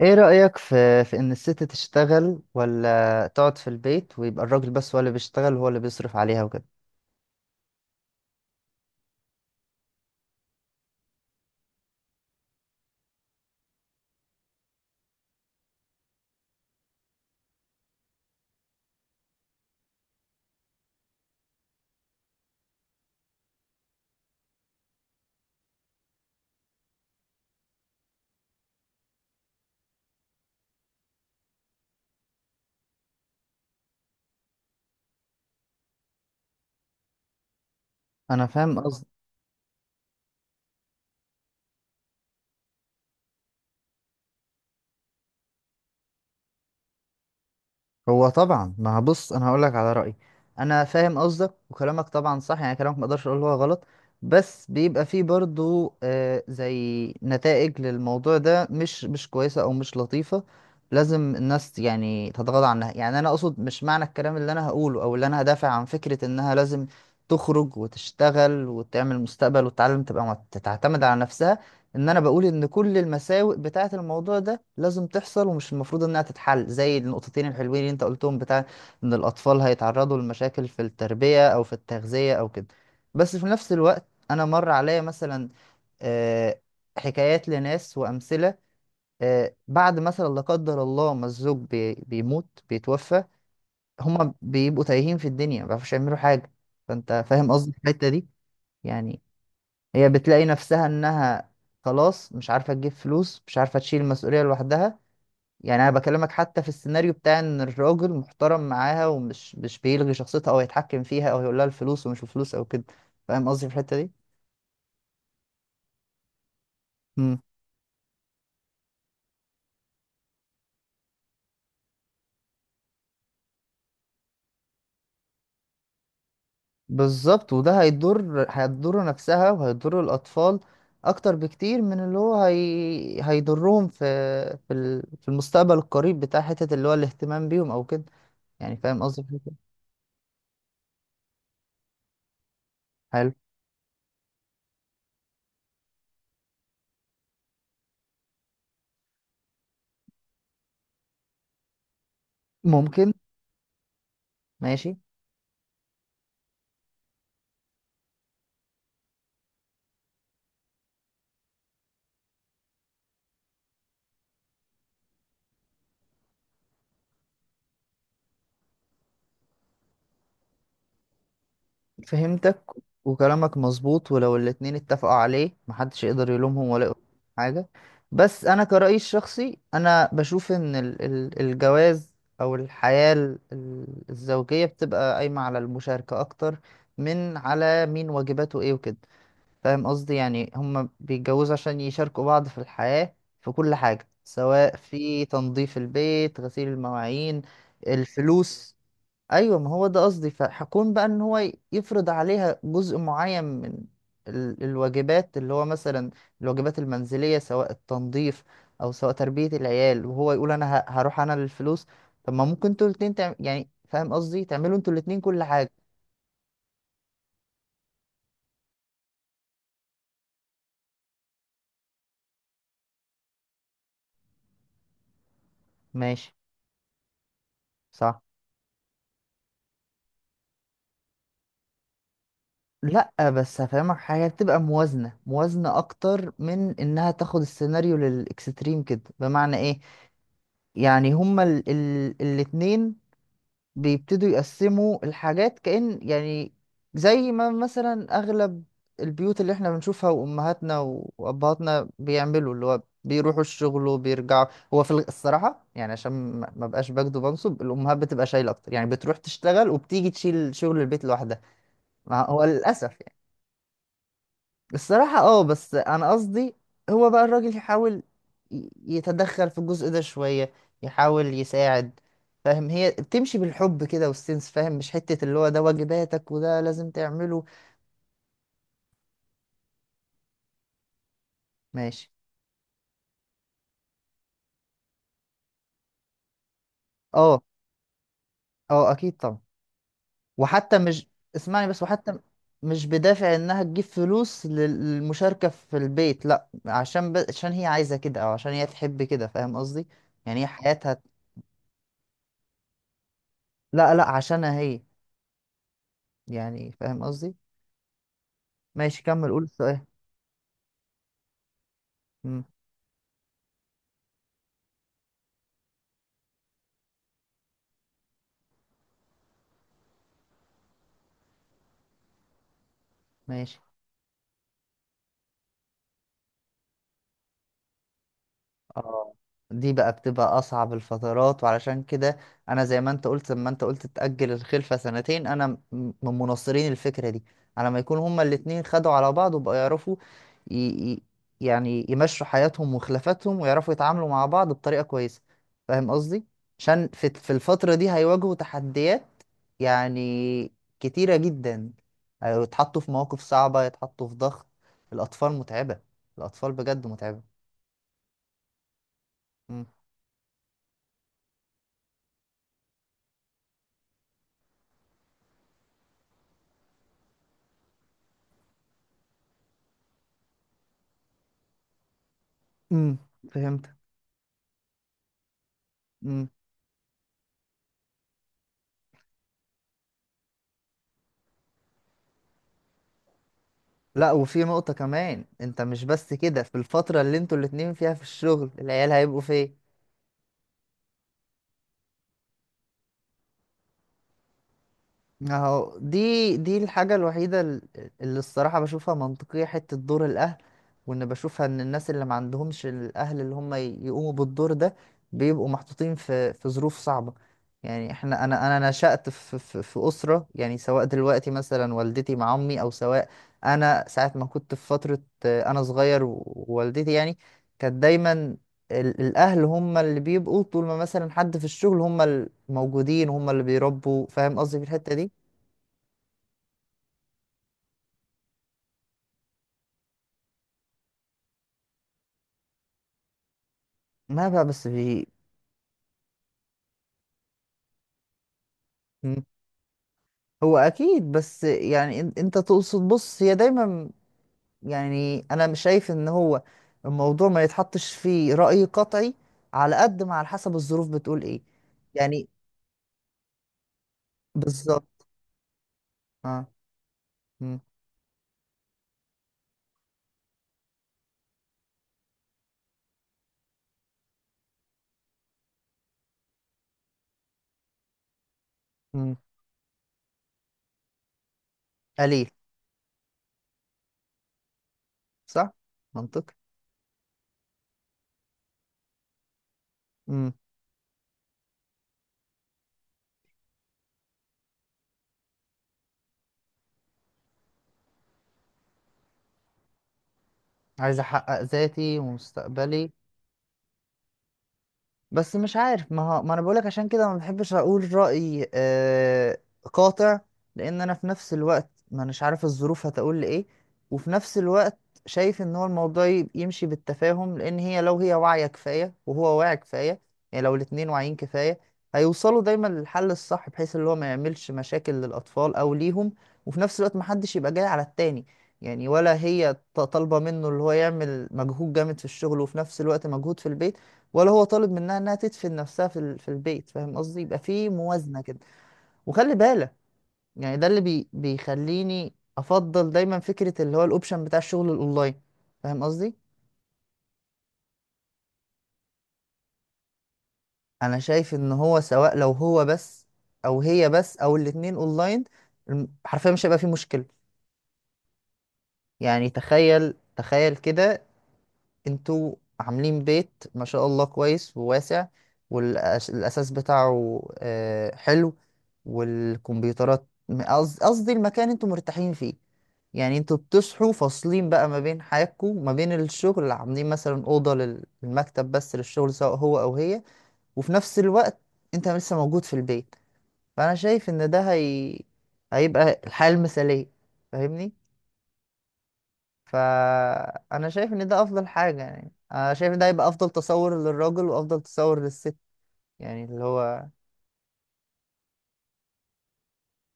ايه رأيك في ان الست تشتغل ولا تقعد في البيت ويبقى الراجل بس هو اللي بيشتغل وهو اللي بيصرف عليها وكده. انا فاهم. هو طبعا ما بص، انا هقول لك على رايي. انا فاهم قصدك وكلامك طبعا صح، يعني كلامك ما اقدرش اقول هو غلط، بس بيبقى فيه برضو آه زي نتائج للموضوع ده مش كويسه او مش لطيفه. لازم الناس يعني تتغاضى عنها، يعني انا اقصد مش معنى الكلام اللي انا هقوله او اللي انا هدافع عن فكره انها لازم تخرج وتشتغل وتعمل مستقبل وتتعلم تبقى تعتمد على نفسها. ان انا بقول ان كل المساوئ بتاعه الموضوع ده لازم تحصل ومش المفروض انها تتحل زي النقطتين الحلوين اللي انت قلتهم بتاع ان الاطفال هيتعرضوا لمشاكل في التربية او في التغذية او كده. بس في نفس الوقت انا مر عليا مثلا آه، حكايات لناس وامثلة. بعد مثلا لا قدر الله ما الزوج بيموت بيتوفى، هما بيبقوا تايهين في الدنيا ما بيعرفوش يعملوا حاجة. فانت فاهم قصدي في الحتة دي. يعني هي بتلاقي نفسها انها خلاص مش عارفة تجيب فلوس، مش عارفة تشيل المسؤولية لوحدها. يعني انا بكلمك حتى في السيناريو بتاع ان الراجل محترم معاها ومش مش بيلغي شخصيتها او يتحكم فيها او يقول لها الفلوس ومش الفلوس او كده. فاهم قصدي في الحتة دي؟ امم بالظبط، وده هيضر هتضر نفسها وهيضر الاطفال اكتر بكتير من اللي هو هي هيضرهم في المستقبل القريب، بتاع حتة اللي هو الاهتمام بيهم او كده. يعني فاهم قصدي في الحتة دي؟ حلو. ممكن. ماشي. فهمتك، وكلامك مظبوط. ولو الاتنين اتفقوا عليه محدش يقدر يلومهم ولا يقول حاجة. بس أنا كرأيي الشخصي أنا بشوف إن الجواز أو الحياة الزوجية بتبقى قايمة على المشاركة أكتر من على مين واجباته إيه وكده. فاهم قصدي؟ يعني هما بيتجوزوا عشان يشاركوا بعض في الحياة، في كل حاجة، سواء في تنظيف البيت، غسيل المواعين، الفلوس. ايوه، ما هو ده قصدي. فهكون بقى ان هو يفرض عليها جزء معين من الواجبات اللي هو مثلا الواجبات المنزليه، سواء التنظيف او سواء تربيه العيال، وهو يقول انا هروح انا للفلوس. طب ما ممكن انتوا الاتنين يعني فاهم قصدي، تعملوا انتوا الاتنين كل حاجه. ماشي. صح. لا بس هفهمك حاجه، بتبقى موازنه اكتر من انها تاخد السيناريو للاكستريم كده. بمعنى ايه؟ يعني هما ال الاتنين بيبتدوا يقسموا الحاجات كأن يعني زي ما مثلا أغلب البيوت اللي احنا بنشوفها، وأمهاتنا وأبهاتنا بيعملوا اللي هو بيروحوا الشغل وبيرجعوا. هو في الصراحة يعني عشان ما بقاش بجد، وبنصب الأمهات بتبقى شايلة أكتر، يعني بتروح تشتغل وبتيجي تشيل شغل البيت لوحدها. ما هو للأسف. الصراحة اه، بس انا قصدي هو بقى الراجل يحاول يتدخل في الجزء ده شوية، يحاول يساعد. فاهم؟ هي بتمشي بالحب كده والسنس. فاهم؟ مش حتة اللي هو ده واجباتك وده لازم تعمله. ماشي. اه. اه اكيد طبعا. وحتى مش، اسمعني بس، وحتى مش بدافع انها تجيب فلوس للمشاركة في البيت، لا عشان عشان هي عايزة كده او عشان هي تحب كده. فاهم قصدي؟ يعني هي حياتها. لا لا، عشانها هي. يعني فاهم قصدي. ماشي، كمل قول السؤال. مم. ماشي. اه، دي بقى بتبقى اصعب الفترات، وعلشان كده انا زي ما انت قلت لما انت قلت تأجل الخلفة سنتين، انا من مناصرين الفكرة دي، على ما يكون هما الاتنين خدوا على بعض وبقوا يعرفوا ي... ي... يعني يمشوا حياتهم وخلافاتهم ويعرفوا يتعاملوا مع بعض بطريقة كويسة. فاهم قصدي؟ عشان في الفترة دي هيواجهوا تحديات يعني كتيرة جدا. هيتحطوا في مواقف صعبة، يتحطوا في ضغط. الاطفال متعبة، الاطفال بجد متعبة. امم فهمت. امم لا، وفي نقطة كمان انت مش بس كده، في الفترة اللي انتوا الاتنين فيها في الشغل العيال هيبقوا فين؟ اهو دي الحاجة الوحيدة اللي الصراحة بشوفها منطقية، حتة دور الأهل. وإن بشوفها إن الناس اللي ما عندهمش الأهل اللي هم يقوموا بالدور ده بيبقوا محطوطين في ظروف صعبة. يعني احنا، أنا نشأت في أسرة يعني، سواء دلوقتي مثلا والدتي مع أمي، أو سواء أنا ساعة ما كنت في فترة أنا صغير ووالدتي يعني كانت دايما الاهل هم اللي بيبقوا طول ما مثلا حد في الشغل، هم الموجودين، هم اللي بيربوا. فاهم قصدي في الحتة دي؟ ما بقى بس في. مم. هو اكيد، بس يعني انت تقصد، بص هي دايما، يعني انا مش شايف ان هو الموضوع ما يتحطش فيه رأي قطعي. على قد ما على حسب الظروف بتقول ايه. يعني بالظبط. اه. مم. مم. قليل. صح. منطقي. مم. عايز احقق ذاتي ومستقبلي. بس مش عارف، ما هو ما انا بقولك عشان كده ما بحبش اقول رأي قاطع، لان انا في نفس الوقت ما اناش عارف الظروف هتقول لي ايه. وفي نفس الوقت شايف ان هو الموضوع يمشي بالتفاهم، لان هي لو هي واعية كفاية وهو واعي كفاية، يعني لو الاتنين واعيين كفاية هيوصلوا دايما للحل الصح، بحيث اللي هو ما يعملش مشاكل للاطفال او ليهم، وفي نفس الوقت ما حدش يبقى جاي على التاني. يعني ولا هي طالبة منه اللي هو يعمل مجهود جامد في الشغل وفي نفس الوقت مجهود في البيت، ولا هو طالب منها انها تدفن نفسها في البيت. فاهم قصدي؟ يبقى في موازنه كده. وخلي بالك، يعني ده اللي بيخليني افضل دايما فكره اللي هو الاوبشن بتاع الشغل الاونلاين. فاهم قصدي؟ انا شايف ان هو سواء لو هو بس او هي بس او الاتنين اونلاين، حرفيا مش هيبقى في مشكله. يعني تخيل كده، انتوا عاملين بيت ما شاء الله كويس وواسع، والأساس بتاعه حلو، والكمبيوترات، قصدي المكان انتوا مرتاحين فيه. يعني انتوا بتصحوا فاصلين بقى ما بين حياتكم ما بين الشغل، عاملين مثلا أوضة للمكتب بس للشغل، سواء هو أو هي. وفي نفس الوقت انت لسه موجود في البيت. فأنا شايف ان ده هي هيبقى الحياة المثالية. فاهمني؟ فانا شايف ان ده افضل حاجه، يعني انا شايف ان ده يبقى افضل تصور للراجل وافضل تصور للست. يعني اللي هو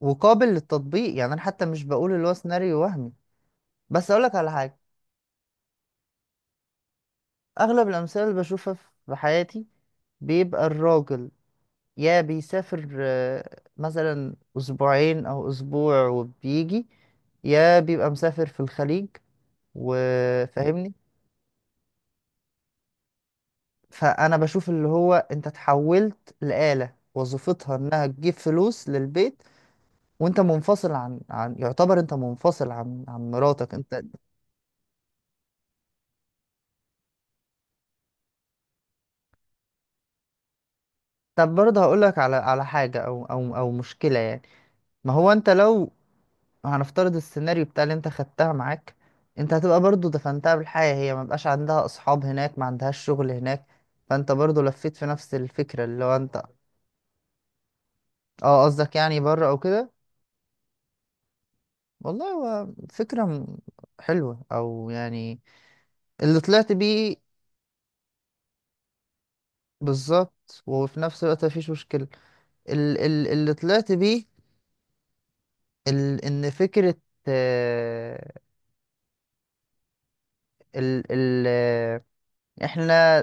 وقابل للتطبيق، يعني انا حتى مش بقول اللي هو سيناريو وهمي. بس اقولك على حاجه، اغلب الامثله اللي بشوفها في حياتي بيبقى الراجل يا بيسافر مثلا اسبوعين او اسبوع وبيجي، يا بيبقى مسافر في الخليج. وفاهمني. فانا بشوف اللي هو انت اتحولت لآلة وظيفتها انها تجيب فلوس للبيت، وانت منفصل عن يعتبر انت منفصل عن مراتك انت. طب برضه هقول لك على حاجة او او مشكلة يعني. ما هو انت لو، هنفترض السيناريو بتاع اللي انت خدتها معاك، انت هتبقى برضه دفنتها بالحياة، هي ما بقاش عندها اصحاب هناك، ما عندهاش شغل هناك. فانت برضه لفيت في نفس الفكرة اللي هو انت. اه قصدك يعني بره او كده. والله، هو فكرة حلوة او يعني اللي طلعت بيه. بالظبط، وفي نفس الوقت مفيش مشكلة اللي طلعت بيه، ان فكرة آه، ال ال آه، احنا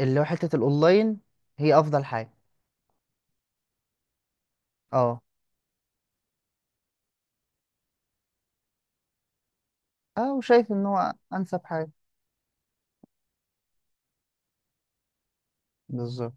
اللي هو حتة الاونلاين هي افضل حاجة. اه. اه وشايف ان هو انسب حاجة. بالظبط.